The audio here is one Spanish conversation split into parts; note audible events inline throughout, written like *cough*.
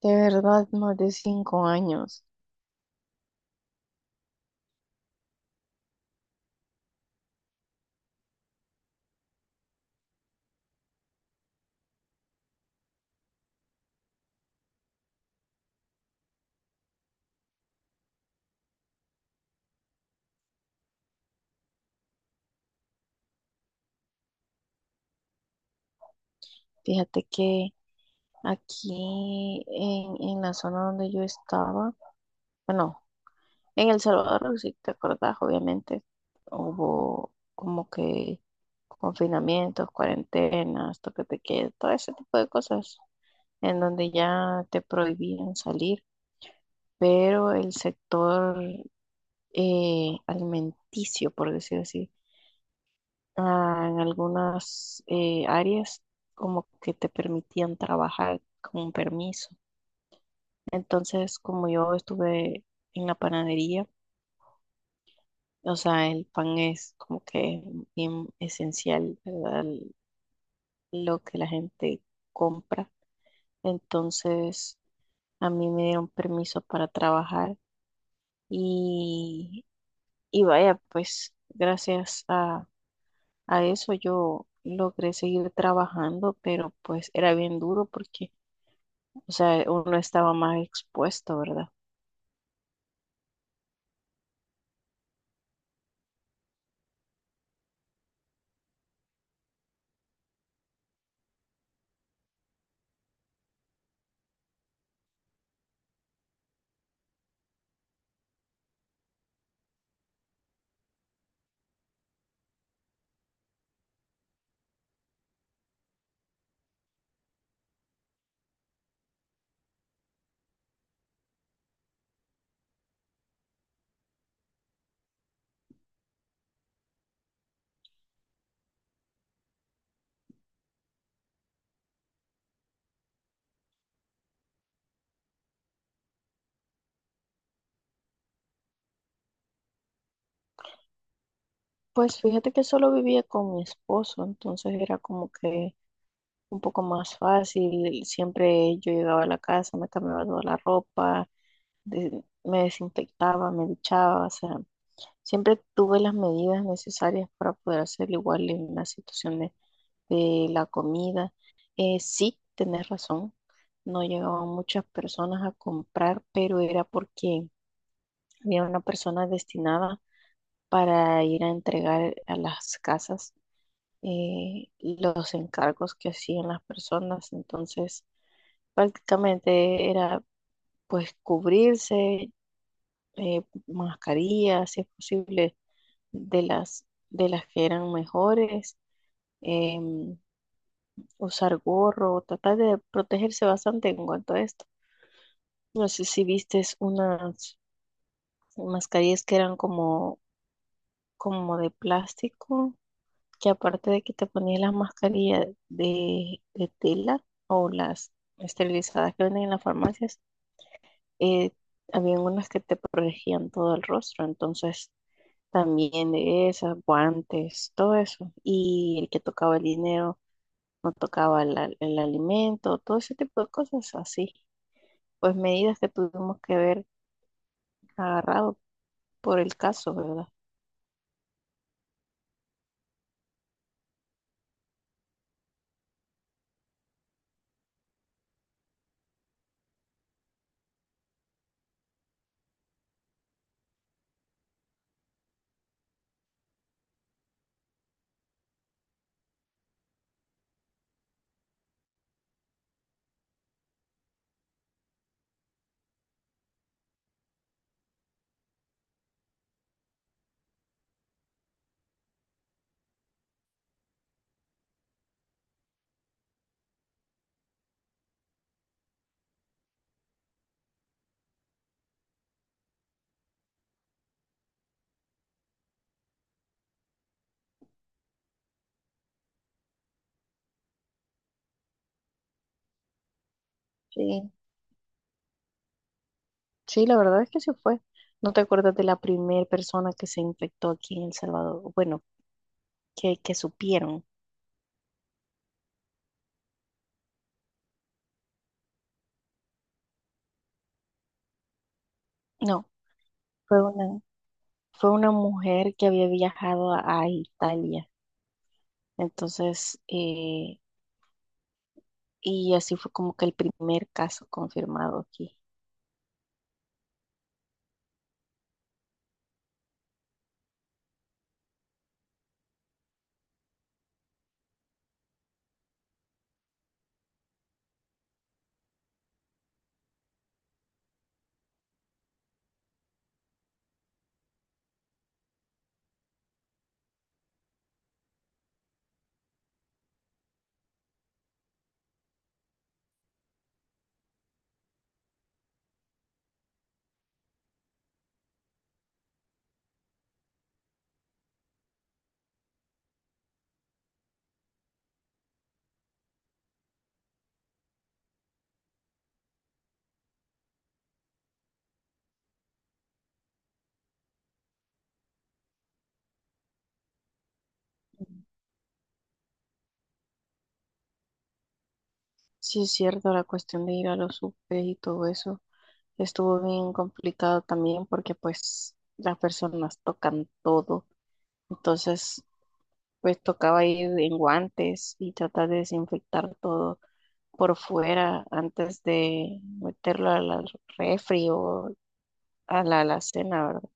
De verdad, más de 5 años. Fíjate que aquí en la zona donde yo estaba, bueno, en El Salvador, si te acordás, obviamente, hubo como que confinamientos, cuarentenas, toque de queda, todo ese tipo de cosas, en donde ya te prohibían salir, pero el sector alimenticio, por decir así, en algunas áreas como que te permitían trabajar con un permiso. Entonces, como yo estuve en la panadería, o sea, el pan es como que bien esencial, ¿verdad? Lo que la gente compra. Entonces, a mí me dieron permiso para trabajar y, y vaya, pues gracias a eso yo logré seguir trabajando, pero pues era bien duro porque, o sea, uno estaba más expuesto, ¿verdad? Pues fíjate que solo vivía con mi esposo, entonces era como que un poco más fácil. Siempre yo llegaba a la casa, me cambiaba toda la ropa, me desinfectaba, me duchaba, o sea, siempre tuve las medidas necesarias para poder hacer igual en la situación de la comida. Sí, tenés razón, no llegaban muchas personas a comprar, pero era porque había una persona destinada para ir a entregar a las casas los encargos que hacían las personas. Entonces, prácticamente era pues cubrirse, eh, mascarillas, si es posible, de de las que eran mejores, em, usar gorro, tratar de protegerse bastante en cuanto a esto. No sé si vistes unas mascarillas que eran como, como de plástico, que aparte de que te ponías las mascarillas de tela o las esterilizadas que venden en las farmacias, eh, habían unas que te protegían todo el rostro, entonces también de esas, guantes, todo eso, y el que tocaba el dinero, no tocaba el alimento, todo ese tipo de cosas así, pues medidas que tuvimos que ver agarrado por el caso, ¿verdad? Sí, sí, la verdad es que sí fue. ¿No te acuerdas de la primera persona que se infectó aquí en El Salvador? Bueno, que supieron. No, fue una, fue una mujer que había viajado a Italia. Entonces, y así fue como que el primer caso confirmado aquí. Sí, es cierto, la cuestión de ir a los UP y todo eso estuvo bien complicado también porque pues las personas tocan todo. Entonces, pues tocaba ir en guantes y tratar de desinfectar todo por fuera antes de meterlo a la refri o a la alacena, ¿verdad?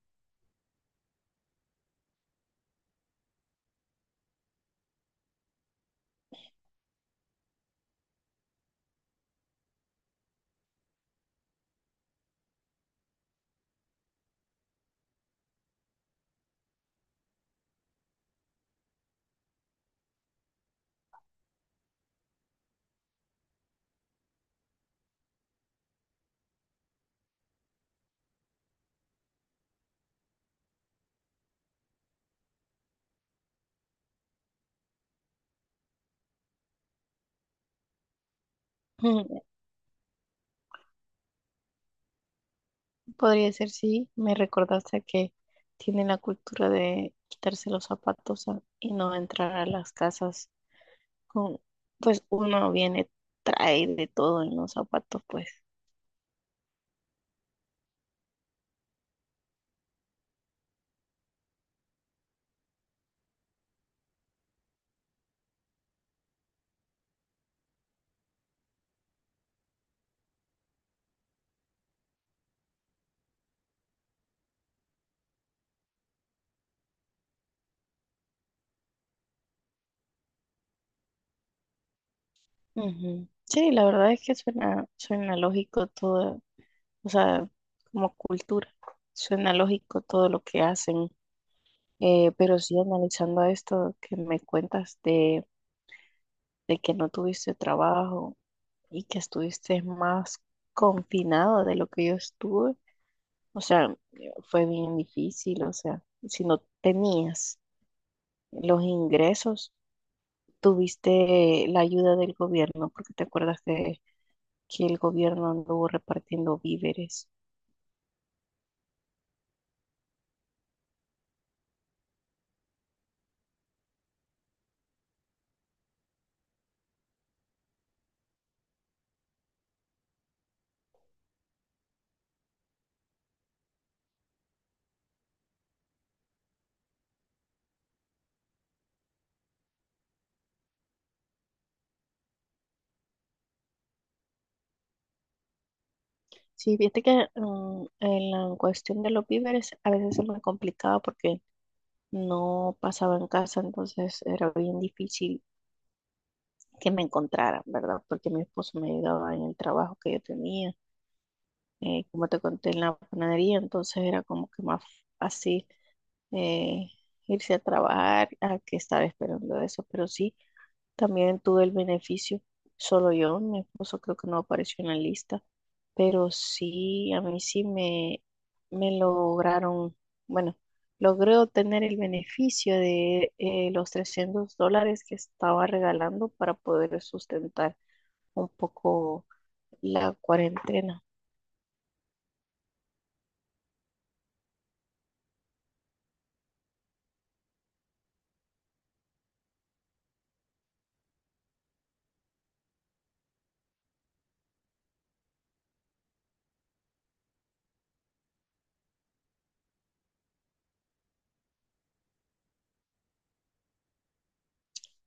*laughs* Podría ser, sí, me recordaste a que tienen la cultura de quitarse los zapatos y no entrar a las casas con, pues uno viene, trae de todo en los zapatos, pues. Ujú. Sí, la verdad es que suena lógico todo, o sea, como cultura. Suena lógico todo lo que hacen, pero sí analizando esto que me cuentas de que no tuviste trabajo y que estuviste más confinado de lo que yo estuve, o sea, fue bien difícil, o sea, si no tenías los ingresos, tuviste la ayuda del gobierno, porque te acuerdas que el gobierno anduvo repartiendo víveres. Sí, viste que en la cuestión de los víveres a veces se me complicaba porque no pasaba en casa, entonces era bien difícil que me encontraran, ¿verdad? Porque mi esposo me ayudaba en el trabajo que yo tenía, como te conté en la panadería, entonces era como que más fácil, eh, irse a trabajar a que estar esperando eso, pero sí. También tuve el beneficio, solo yo, mi esposo creo que no apareció en la lista, pero sí, a mí sí me lograron, bueno, logré obtener el beneficio de los $300 que estaba regalando para poder sustentar un poco la cuarentena.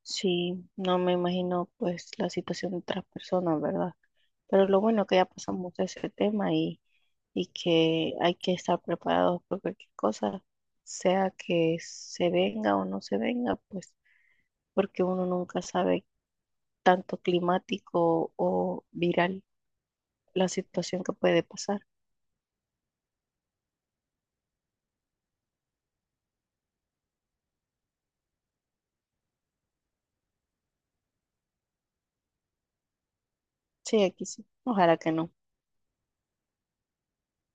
Sí, no me imagino pues la situación de otras personas, ¿verdad? Pero lo bueno que ya pasamos de ese tema y que hay que estar preparados por cualquier cosa, sea que se venga o no se venga, pues porque uno nunca sabe, tanto climático o viral, la situación que puede pasar. Sí, aquí sí. Ojalá que no.